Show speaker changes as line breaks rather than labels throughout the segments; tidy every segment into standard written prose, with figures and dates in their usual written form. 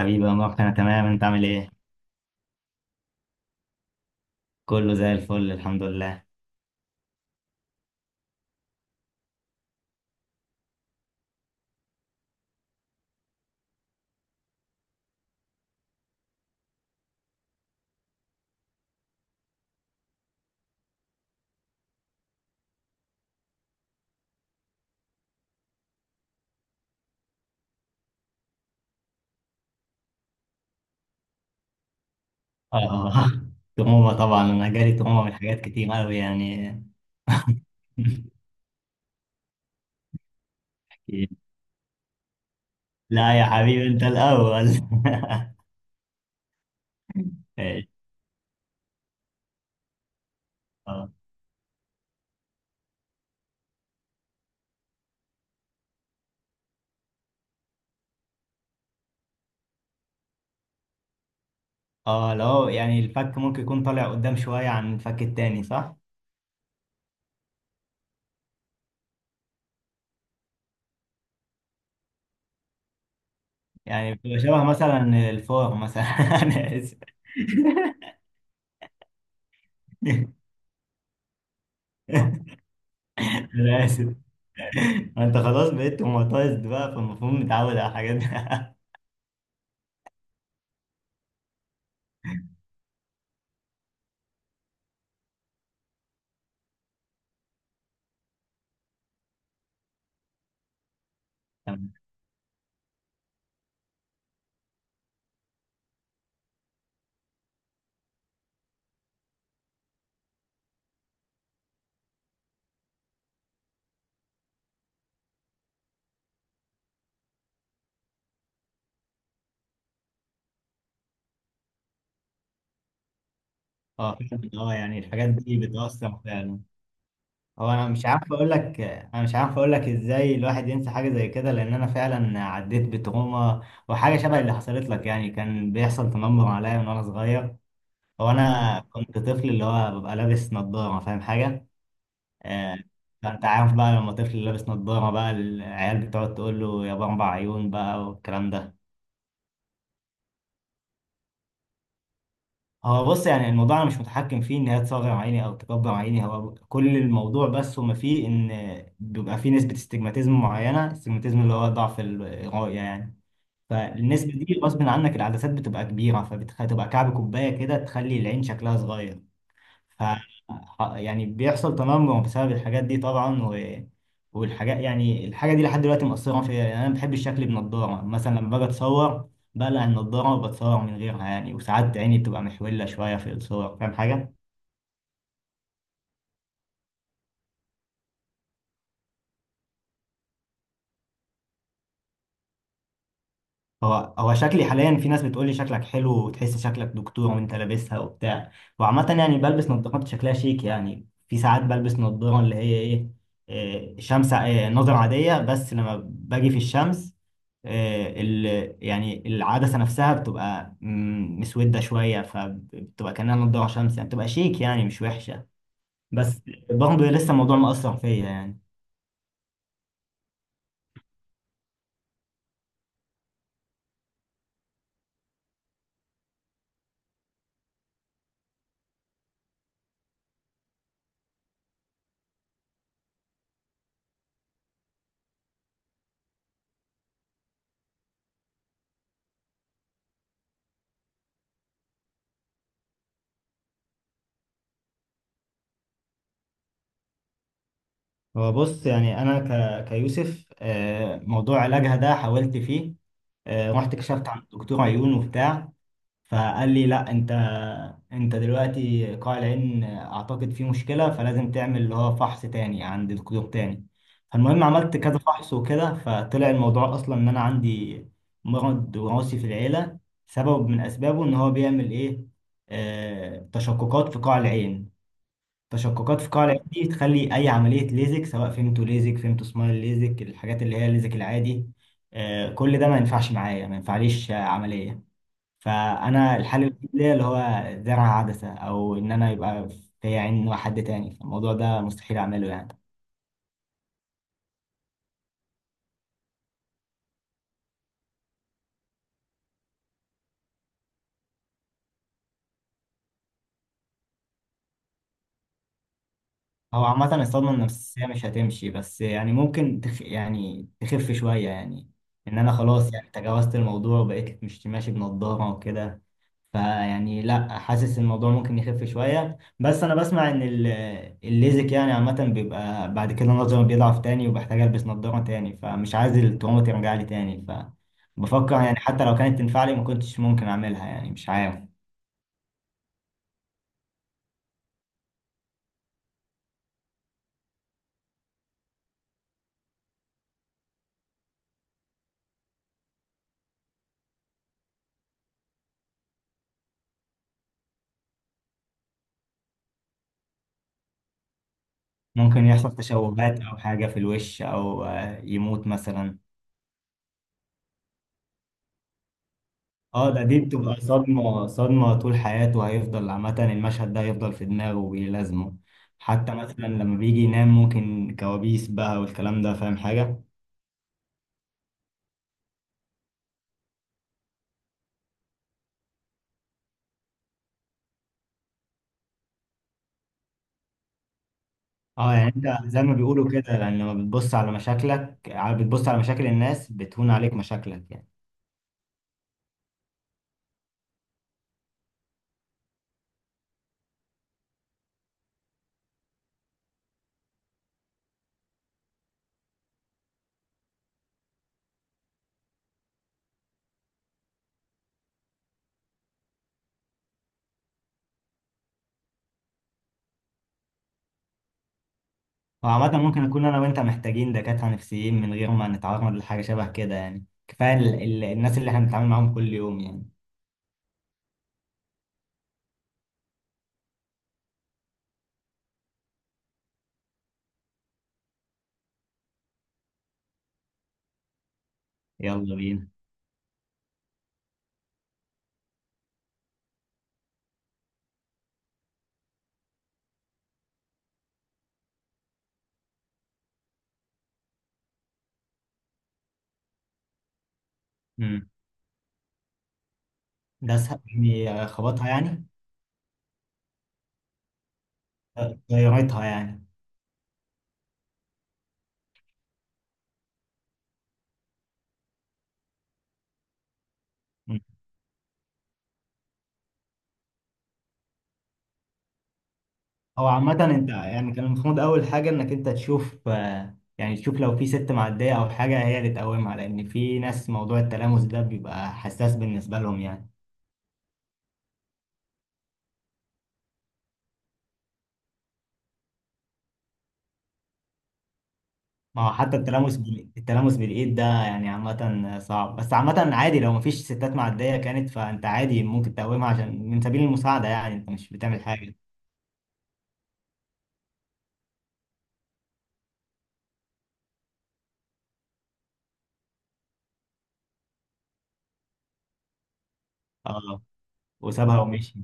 حبيبي يا مروان، انا تمام. انت عامل ايه؟ كله زي الفل، الحمد لله. اه. تهمة طبعا، انا جالي تهمة من حاجات كتير قوي يعني. لا يا حبيبي، انت الاول. إيش؟ اه، اه، لو يعني الفك ممكن يكون طالع قدام شوية عن الفك التاني، صح؟ يعني بتبقى شبه مثلا الفور مثلا. انا اسف. انا اسف. ما انت خلاص بقيت توماتايزد بقى، فالمفروض متعود على الحاجات دي. اه فعلاً، اه يعني الحاجات دي بتأثر فعلا. هو انا مش عارف اقول لك انا مش عارف اقول لك ازاي الواحد ينسى حاجه زي كده، لان انا فعلا عديت بتروما، وحاجه شبه اللي حصلت لك. يعني كان بيحصل تنمر عليا من وانا صغير. هو انا كنت طفل اللي هو ببقى لابس نظاره، فاهم حاجه؟ آه، فانت عارف بقى، لما طفل لابس نظاره بقى العيال بتقعد تقول له يا اربع عيون بقى والكلام ده. هو بص، يعني الموضوع انا مش متحكم فيه ان هي تصغر عيني او تكبر عيني. هو كل الموضوع بس هما فيه ان بيبقى فيه نسبة استجماتيزم معينة. استجماتيزم اللي هو ضعف الرؤية يعني. فالنسبة دي غصب عنك العدسات بتبقى كبيرة، فبتبقى كعب كوباية كده تخلي العين شكلها صغير. ف يعني بيحصل تنمر بسبب الحاجات دي طبعا. والحاجات، يعني الحاجة دي لحد دلوقتي مأثرة فيا. يعني أنا بحب الشكل بنضارة، مثلا لما باجي أتصور بقلع النضارة وبتصور من غيرها، يعني وساعات عيني بتبقى محولة شوية في الصور. فاهم حاجة؟ هو هو شكلي حاليا، في ناس بتقول لي شكلك حلو، وتحس شكلك دكتور وانت لابسها وبتاع. وعامة يعني بلبس نظارات شكلها شيك. يعني في ساعات بلبس نظارة اللي هي ايه، شمس، نظر عادية، بس لما باجي في الشمس إيه، ال يعني العدسة نفسها بتبقى مسودة شوية، فبتبقى كأنها نظارة شمس. يعني بتبقى شيك يعني مش وحشة. بس برضه لسه الموضوع مأثر فيا يعني. هو بص، يعني انا كيوسف، موضوع علاجها ده حاولت فيه. رحت كشفت عند دكتور عيون وبتاع، فقال لي لا، انت دلوقتي قاع العين اعتقد فيه مشكله، فلازم تعمل اللي هو فحص تاني عند دكتور تاني. فالمهم عملت كذا فحص وكده، فطلع الموضوع اصلا ان انا عندي مرض وراثي في العيله. سبب من اسبابه ان هو بيعمل ايه، تشققات في قاع العين. تشققات في القاعدة دي تخلي أي عملية ليزك، سواء فيمتو ليزك فيمتو سمايل ليزك، الحاجات اللي هي الليزك العادي، كل ده ما ينفعش معايا، ما ينفعليش عملية. فأنا الحل الوحيد ليا اللي هو زرع عدسة، أو إن أنا يبقى في عين حد تاني، فالموضوع ده مستحيل أعمله يعني. هو عامة الصدمة النفسية مش هتمشي، بس يعني ممكن تخ... يعني تخف شوية يعني. إن أنا خلاص، يعني تجاوزت الموضوع وبقيت مش ماشي بنضارة وكده. فيعني لأ، حاسس الموضوع ممكن يخف شوية. بس أنا بسمع إن الليزك يعني عامة بيبقى بعد كده نظري بيضعف تاني وبحتاج ألبس نضارة تاني، فمش عايز التروما ترجع لي تاني. فبفكر يعني حتى لو كانت تنفع لي، ما كنتش ممكن أعملها يعني. مش عارف. ممكن يحصل تشوهات أو حاجة في الوش، أو يموت مثلا. اه، دي بتبقى صدمة، صدمة طول حياته هيفضل. عامة المشهد ده هيفضل في دماغه وبيلازمه، حتى مثلا لما بيجي ينام ممكن كوابيس بقى والكلام ده. فاهم حاجة؟ اه يعني انت زي ما بيقولوا كده، يعني لما بتبص على مشاكلك بتبص على مشاكل الناس بتهون عليك مشاكلك يعني. وعامة ممكن نكون انا وانت محتاجين دكاترة نفسيين من غير ما نتعرض لحاجة شبه كده. يعني كفاية الناس اللي احنا بنتعامل معاهم كل يوم يعني. يلا بينا. مم. ده سهل، يعني خبطها يعني. غيرتها يعني. هو عامة انت يعني كان المفروض أول حاجة إنك انت تشوف، يعني تشوف لو في ست معدية أو حاجة هي اللي تقومها، لأن في ناس موضوع التلامس ده بيبقى حساس بالنسبة لهم يعني. ما هو حتى التلامس التلامس بالإيد ده يعني عامة صعب، بس عامة عادي لو مفيش ستات معدية كانت، فأنت عادي ممكن تقومها عشان من سبيل المساعدة، يعني انت مش بتعمل حاجة. اه، وسابها ومشي.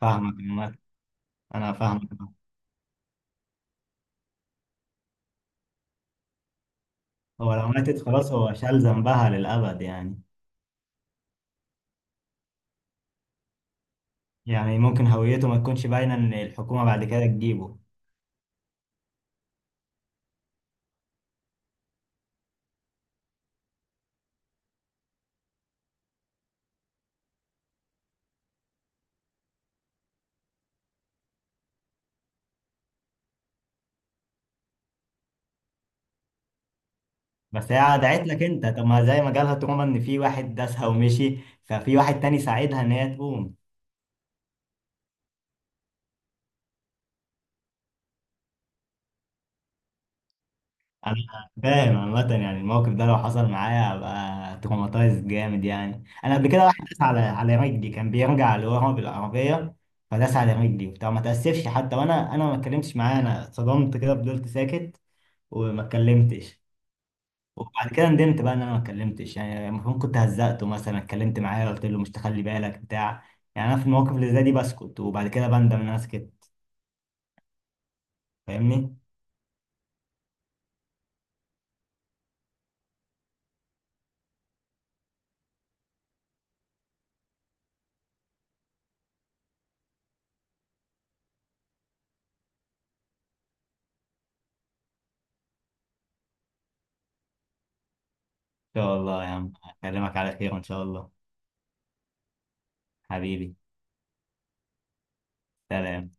فاهمك عامة. أنا فاهمك. هو لو ماتت خلاص هو شال ذنبها للأبد يعني. يعني ممكن هويته ما تكونش باينه ان الحكومه بعد كده تجيبه. بس هي دعت لك انت. طب ما زي ما جالها تروما ان في واحد داسها ومشي، ففي واحد تاني ساعدها ان هي تقوم. انا فاهم عامه. يعني الموقف ده لو حصل معايا هبقى تروماتايز جامد يعني. انا قبل كده واحد داس على رجلي، كان بيرجع لورا بالعربيه، فداس على رجلي وبتاع ما تاسفش حتى، وانا ما اتكلمتش معاه. انا اتصدمت كده فضلت ساكت وما اتكلمتش. وبعد كده ندمت بقى ان انا ما اتكلمتش. يعني المفروض كنت هزقته، مثلا اتكلمت معاه قلت له مش تخلي بالك بتاع يعني انا في المواقف اللي زي دي بسكت، وبعد كده بندم ان انا اسكت. فاهمني. ان شاء الله يا عم، اكلمك على خير ان شاء الله. حبيبي. سلام.